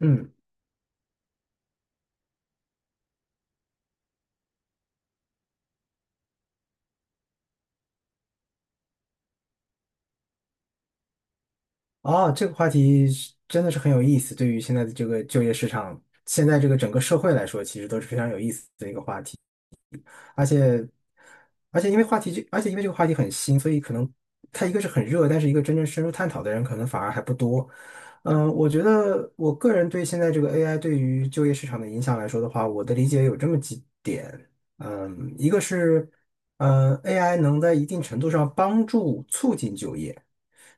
嗯，哦，这个话题是真的是很有意思。对于现在的这个就业市场，现在这个整个社会来说，其实都是非常有意思的一个话题。而且，而且因为这个话题很新，所以可能它一个是很热，但是一个真正深入探讨的人可能反而还不多。我觉得我个人对现在这个 AI 对于就业市场的影响来说的话，我的理解有这么几点。一个是，AI 能在一定程度上帮助促进就业。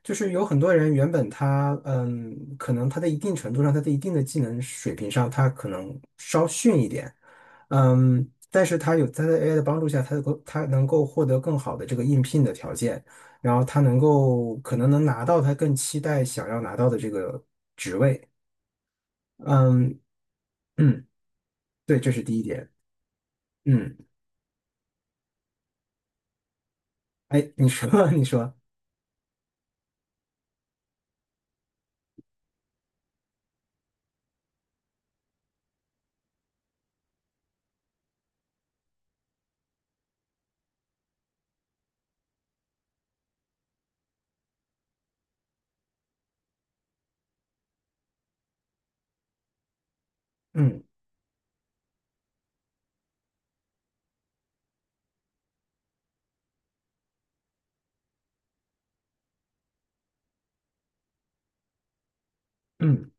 就是有很多人原本他可能他在一定程度上，他在一定的技能水平上，他可能稍逊一点。但是他在 AI 的帮助下，他能够获得更好的这个应聘的条件，然后他能够可能能拿到他更期待想要拿到的这个职位。嗯嗯，对，这是第一点。嗯，哎，你说 你说。嗯嗯。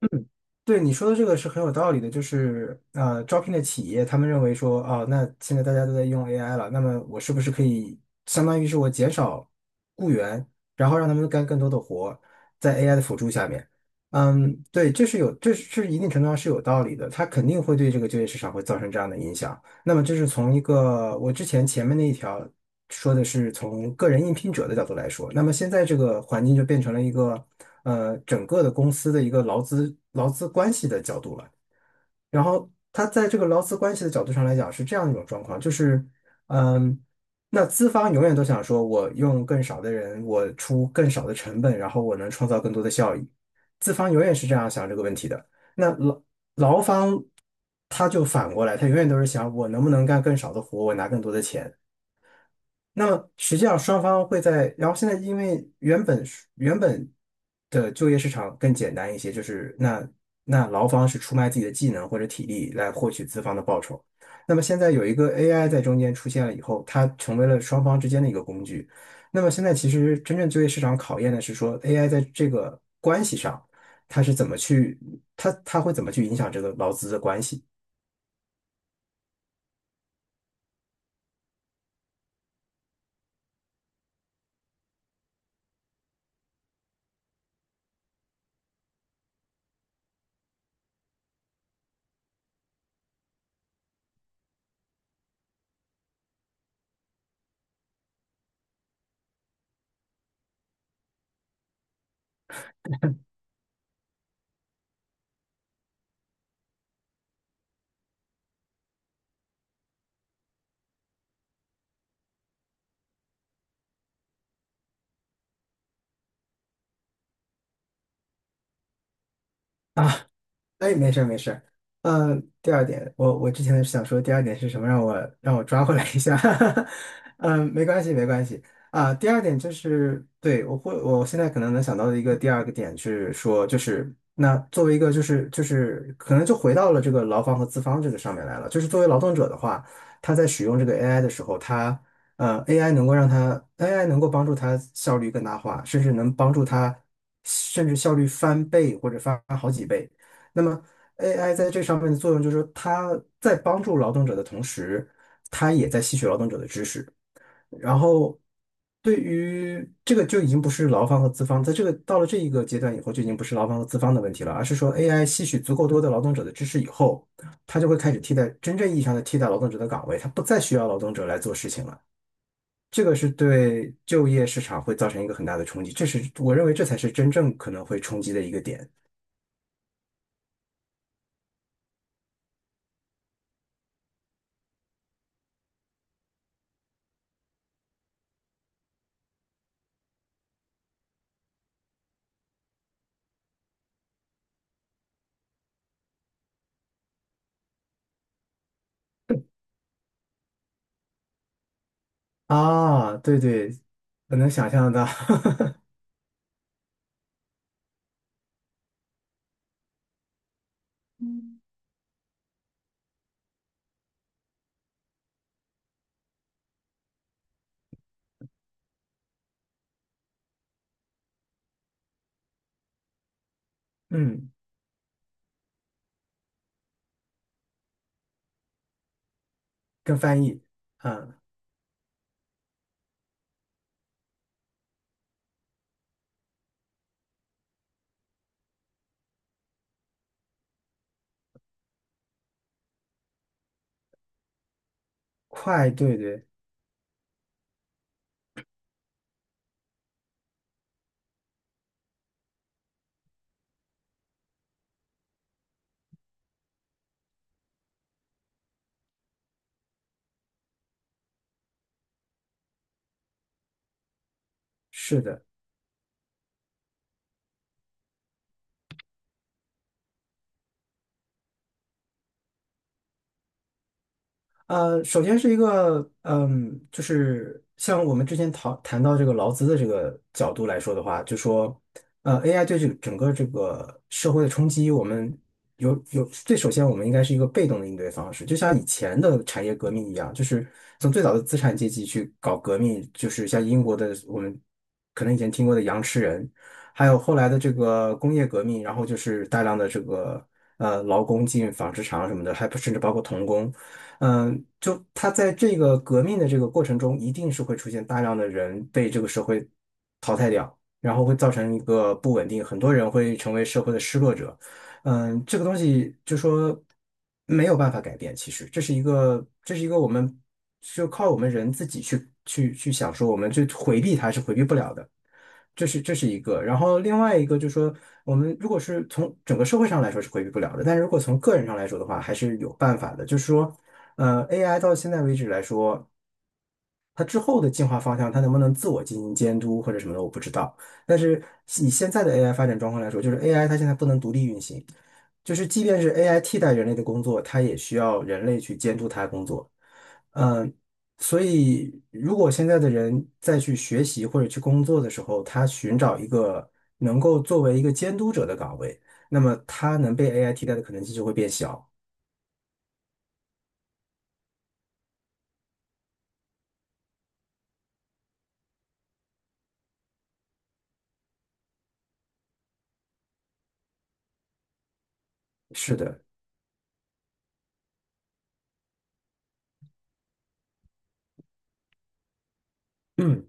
嗯，对你说的这个是很有道理的，就是招聘的企业他们认为说，啊，那现在大家都在用 AI 了，那么我是不是可以相当于是我减少雇员，然后让他们干更多的活，在 AI 的辅助下面。嗯，对，这是一定程度上是有道理的，它肯定会对这个就业市场会造成这样的影响。那么这是从一个我之前前面那一条。说的是从个人应聘者的角度来说，那么现在这个环境就变成了一个整个的公司的一个劳资关系的角度了。然后他在这个劳资关系的角度上来讲是这样一种状况，就是嗯，那资方永远都想说我用更少的人，我出更少的成本，然后我能创造更多的效益。资方永远是这样想这个问题的。那劳方他就反过来，他永远都是想我能不能干更少的活，我拿更多的钱。那么实际上双方会在，然后现在因为原本的就业市场更简单一些，就是那劳方是出卖自己的技能或者体力来获取资方的报酬。那么现在有一个 AI 在中间出现了以后，它成为了双方之间的一个工具。那么现在其实真正就业市场考验的是说 AI 在这个关系上，它是怎么去，它会怎么去影响这个劳资的关系。啊？哎，没事儿没事儿。第二点，我之前想说第二点是什么，让我抓回来一下。嗯，没关系没关系啊。第二点就是，对，我现在可能能想到的一个第二个点是说，就是那作为一个就是可能就回到了这个劳方和资方这个上面来了。就是作为劳动者的话，他在使用这个 AI 的时候，他 AI 能够让他 AI 能够帮助他效率更大化，甚至能帮助他甚至效率翻倍或者翻好几倍。那么 AI 在这上面的作用就是说，它在帮助劳动者的同时，它也在吸取劳动者的知识。然后，对于这个就已经不是劳方和资方，在这个到了这一个阶段以后，就已经不是劳方和资方的问题了，而是说 AI 吸取足够多的劳动者的知识以后，它就会开始替代真正意义上的替代劳动者的岗位，它不再需要劳动者来做事情了。这个是对就业市场会造成一个很大的冲击，这是我认为这才是真正可能会冲击的一个点。啊，对对，我能想象到。嗯，跟翻译。嗯，快，对对。是的。首先是一个，就是像我们之前讨谈到这个劳资的这个角度来说的话，就说，AI 对这个整个这个社会的冲击，我们有最首先我们应该是一个被动的应对方式，就像以前的产业革命一样，就是从最早的资产阶级去搞革命，就是像英国的我们可能以前听过的羊吃人，还有后来的这个工业革命，然后就是大量的这个劳工进纺织厂什么的，还不甚至包括童工。就他在这个革命的这个过程中，一定是会出现大量的人被这个社会淘汰掉，然后会造成一个不稳定，很多人会成为社会的失落者。这个东西就说没有办法改变，其实这是一个我们就靠我们人自己去想说，我们去回避它是回避不了的。这是一个，然后另外一个就是说，我们如果是从整个社会上来说是回避不了的，但是如果从个人上来说的话，还是有办法的。就是说，AI 到现在为止来说，它之后的进化方向，它能不能自我进行监督或者什么的，我不知道。但是以现在的 AI 发展状况来说，就是 AI 它现在不能独立运行，就是即便是 AI 替代人类的工作，它也需要人类去监督它的工作。嗯，呃所以如果现在的人再去学习或者去工作的时候，他寻找一个能够作为一个监督者的岗位，那么他能被 AI 替代的可能性就会变小。是的，嗯，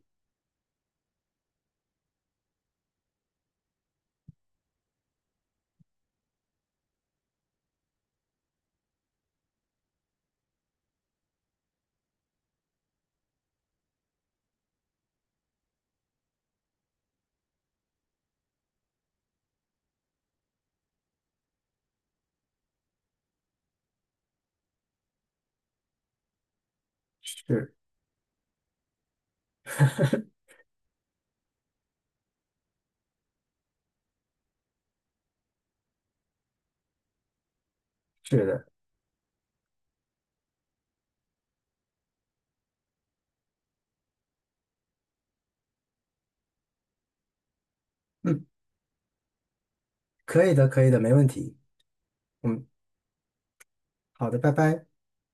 是。是的，嗯，可以的，可以的，没问题。嗯，好的，拜拜。